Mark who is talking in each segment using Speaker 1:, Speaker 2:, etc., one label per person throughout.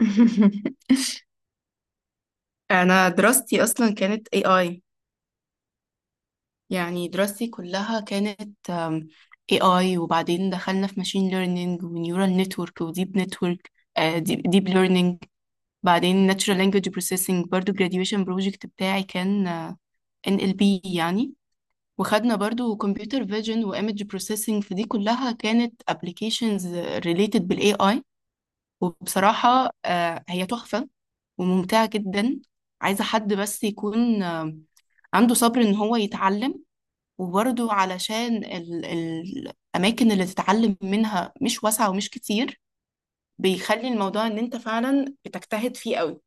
Speaker 1: انا دراستي اصلا كانت اي اي. يعني دراستي كلها كانت اي اي، وبعدين دخلنا في ماشين ليرنينج ونيورال نتورك وديب نتورك، ديب ليرنينج. بعدين ناتشورال لانجويج بروسيسنج، برضو graduation بروجكت بتاعي كان ان ال بي يعني. وخدنا برضو كمبيوتر فيجن وايمج بروسيسنج، فدي كلها كانت ابلكيشنز ريليتد بالاي اي. وبصراحة، آه، هي تحفة وممتعة جدا. عايزة حد بس يكون عنده صبر ان هو يتعلم. وبرضه علشان الاماكن اللي تتعلم منها مش واسعه ومش كتير، بيخلي الموضوع ان انت فعلا بتجتهد فيه قوي.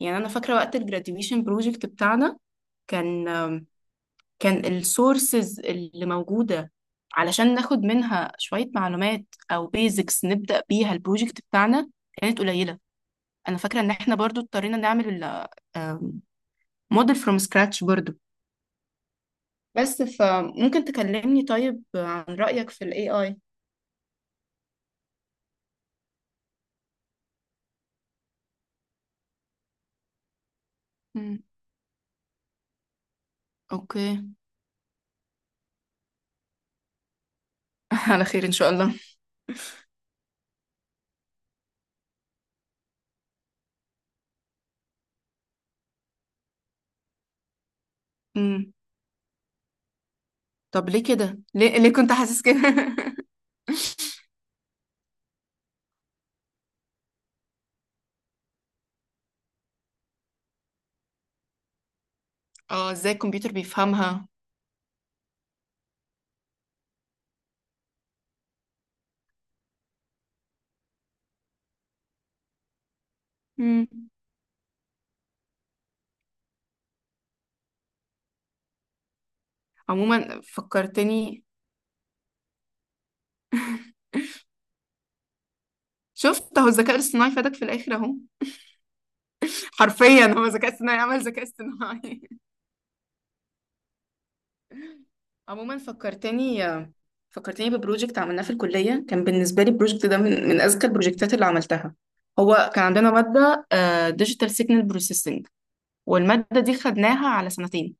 Speaker 1: يعني انا فاكره وقت الجراديويشن بروجكت بتاعنا كان، كان السورسز اللي موجوده علشان ناخد منها شويه معلومات او بيزكس نبدا بيها البروجكت بتاعنا كانت قليله. انا فاكره ان احنا برضو اضطرينا نعمل موديل فروم سكراتش برضو. بس فممكن تكلمني طيب عن رأيك في ال AI؟ مم. اوكي. على خير ان شاء الله. مم. طب ليه كده؟ ليه كنت حاسس كده؟ اه، ازاي الكمبيوتر بيفهمها. مم. عموما فكرتني. شفت اهو، الذكاء الاصطناعي فادك في الاخر اهو. حرفيا هو الذكاء الاصطناعي عمل ذكاء اصطناعي. عموما فكرتني. فكرتني ببروجكت عملناه في الكلية، كان بالنسبة لي البروجكت ده من أذكى البروجكتات اللي عملتها. هو كان عندنا مادة ديجيتال سيجنال بروسيسنج، والمادة دي خدناها على سنتين.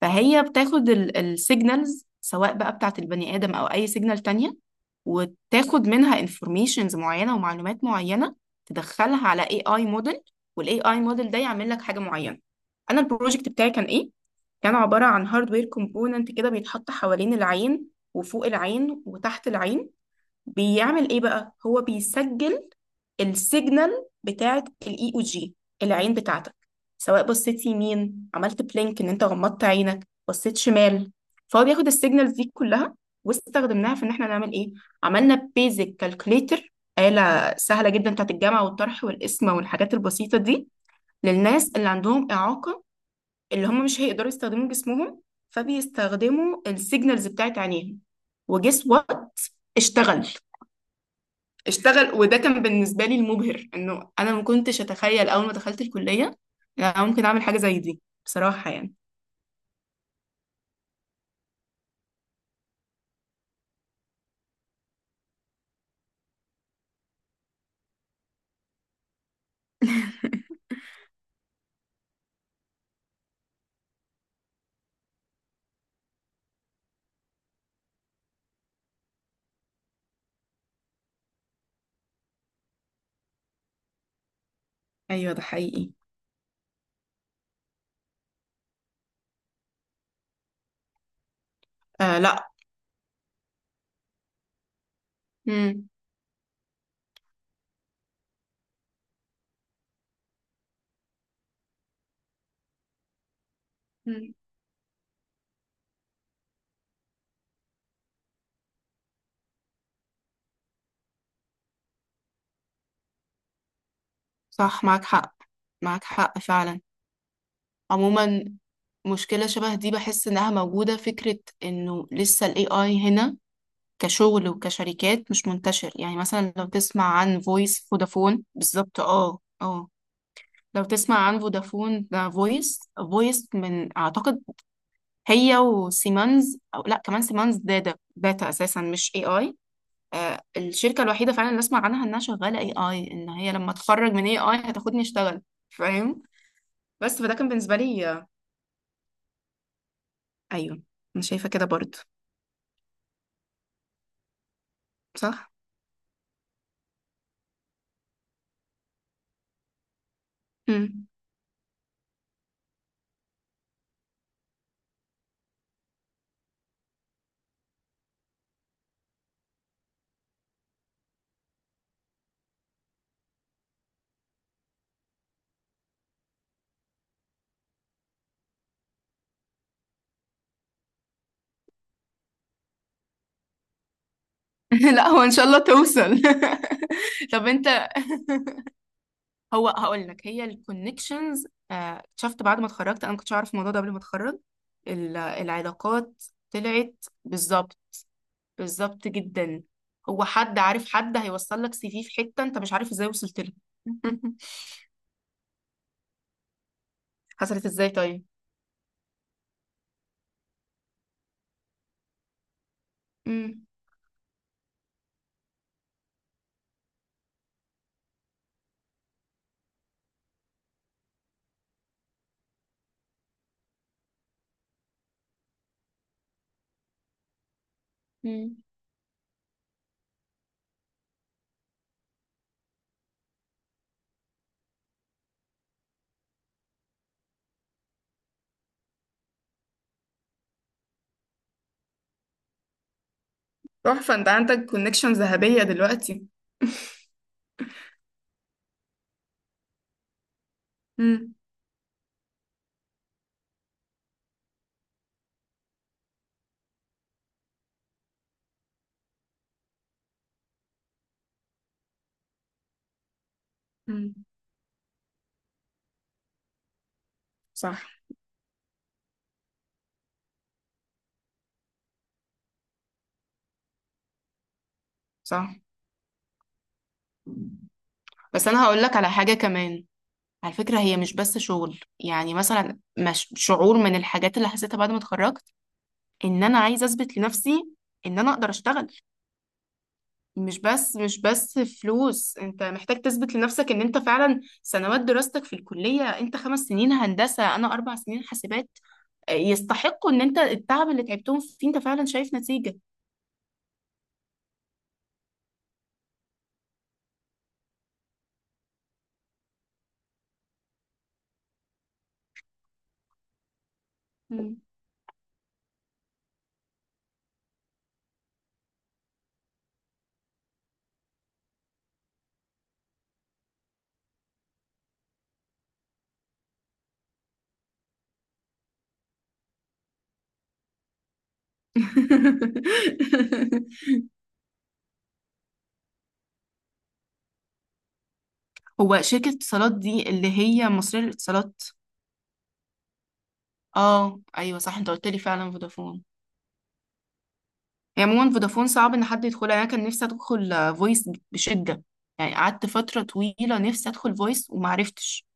Speaker 1: فهي بتاخد السيجنالز، سواء بقى بتاعة البني آدم أو أي سيجنال تانية، وتاخد منها انفورميشنز معينة ومعلومات معينة، تدخلها على اي اي موديل، والاي اي موديل ده يعمل لك حاجة معينة. انا البروجكت بتاعي كان ايه؟ كان عبارة عن هاردوير كومبوننت كده بيتحط حوالين العين، وفوق العين وتحت العين. بيعمل ايه بقى؟ هو بيسجل السيجنال بتاعه الاي او جي، العين بتاعتك، سواء بصيت يمين، عملت بلينك ان انت غمضت عينك، بصيت شمال. فهو بياخد السيجنالز دي كلها، واستخدمناها في ان احنا نعمل ايه. عملنا بيزك كالكوليتر، آلة سهلة جدا بتاعت الجمع والطرح والقسمة والحاجات البسيطة دي، للناس اللي عندهم إعاقة، اللي هم مش هيقدروا يستخدموا جسمهم، فبيستخدموا السيجنالز بتاعت عينيهم. وجس وات، اشتغل. اشتغل، وده كان بالنسبة لي المبهر، انه انا ما كنتش اتخيل اول ما دخلت الكلية إن انا ممكن اعمل حاجة زي دي، بصراحة يعني. ايوه ده حقيقي. آه لا. مم. مم. صح، معاك حق. معاك حق فعلا. عموما مشكلة شبه دي بحس انها موجودة، فكرة انه لسه ال AI هنا كشغل وكشركات مش منتشر. يعني مثلا لو تسمع عن فويس فودافون بالظبط، اه اه. لو تسمع عن فودافون، ده فويس، فويس من اعتقد هي وسيمونز، او لا، كمان سيمونز، داتا داتا اساسا، مش اي اي. آه الشركه الوحيده فعلا اللي اسمع عنها انها شغاله اي اي، ان هي لما اتخرج من اي اي هتاخدني اشتغل، فاهم. بس فده كان بالنسبه لي. ايوه. انا شايفه كده برضو. صح. مم. لا، هو ان شاء الله توصل. طب انت، هو هقول لك، هي الكونكشنز. شفت بعد ما اتخرجت انا ما كنتش اعرف الموضوع ده قبل ما اتخرج. ال- العلاقات طلعت بالظبط. بالظبط جدا. هو حد عارف حد هيوصل لك سي في في حتة انت مش عارف ازاي وصلت له. حصلت ازاي طيب؟ امم. امم. تحفة، انت عندك كونكشن ذهبية دلوقتي. امم. أمم. صح. صح. بس انا هقول لك على حاجة كمان. على فكرة، هي مش بس شغل. يعني مثلا مش شعور، من الحاجات اللي حسيتها بعد ما اتخرجت ان انا عايزة اثبت لنفسي ان انا اقدر اشتغل. مش بس فلوس. انت محتاج تثبت لنفسك ان انت فعلا سنوات دراستك في الكلية، انت خمس سنين هندسة، انا اربع سنين حاسبات، يستحقوا، ان انت التعب اللي تعبتهم فيه انت فعلا شايف نتيجة. مم. هو شركة اتصالات دي اللي هي مصرية للاتصالات؟ اه ايوه صح، انت قلت لي فعلا فودافون. هي عموما فودافون صعب ان حد يدخلها. يعني انا كان نفسي ادخل فويس بشدة، يعني قعدت فترة طويلة نفسي ادخل فويس ومعرفتش.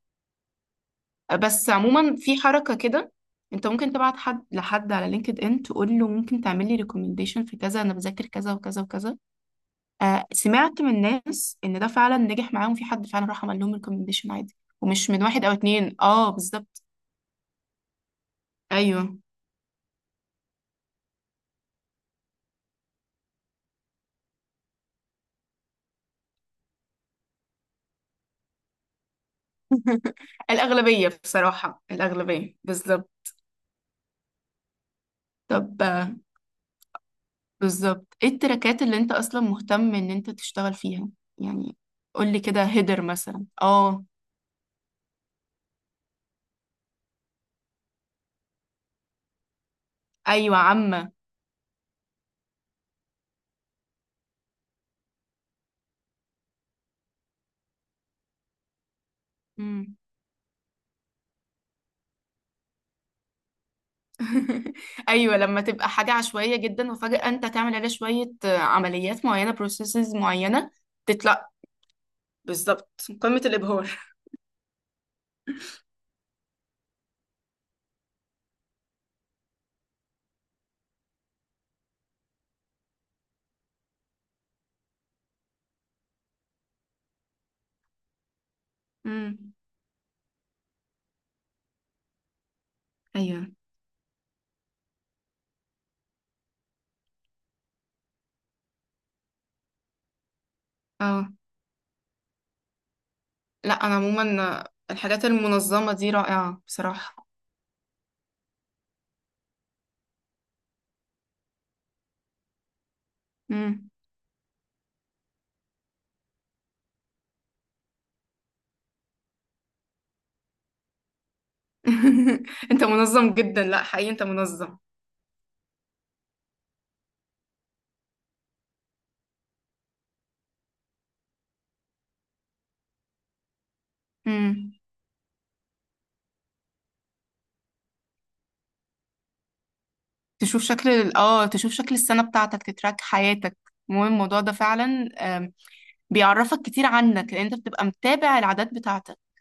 Speaker 1: بس عموما في حركة كده، انت ممكن تبعت حد لحد على لينكد ان، تقول له ممكن تعمل لي ريكومنديشن في كذا، انا بذاكر كذا وكذا وكذا. آه سمعت من ناس ان ده فعلا نجح معاهم، في حد فعلا راح عمل لهم ريكومنديشن عادي، ومش من واحد او اتنين، اه بالظبط. ايوه الاغلبية بصراحة، الاغلبية بالظبط. طب بالظبط ايه التراكات اللي انت اصلا مهتم ان انت تشتغل فيها؟ يعني قول لي كده هيدر مثلا، اه. ايوه عامة. ايوه لما تبقى حاجه عشوائيه جدا، وفجاه انت تعمل عليها شويه عمليات معينه، بروسيسز معينه، تطلع. بالظبط. قمة الإبهار. امم. ايوه. اه لا، انا عموما الحاجات المنظمه دي رائعه بصراحه. امم. انت منظم جدا، لا حقيقي انت منظم. امم. تشوف شكل تشوف شكل السنه بتاعتك، تتراك حياتك. المهم الموضوع ده فعلا، آم، بيعرفك كتير عنك، لان انت بتبقى متابع العادات بتاعتك.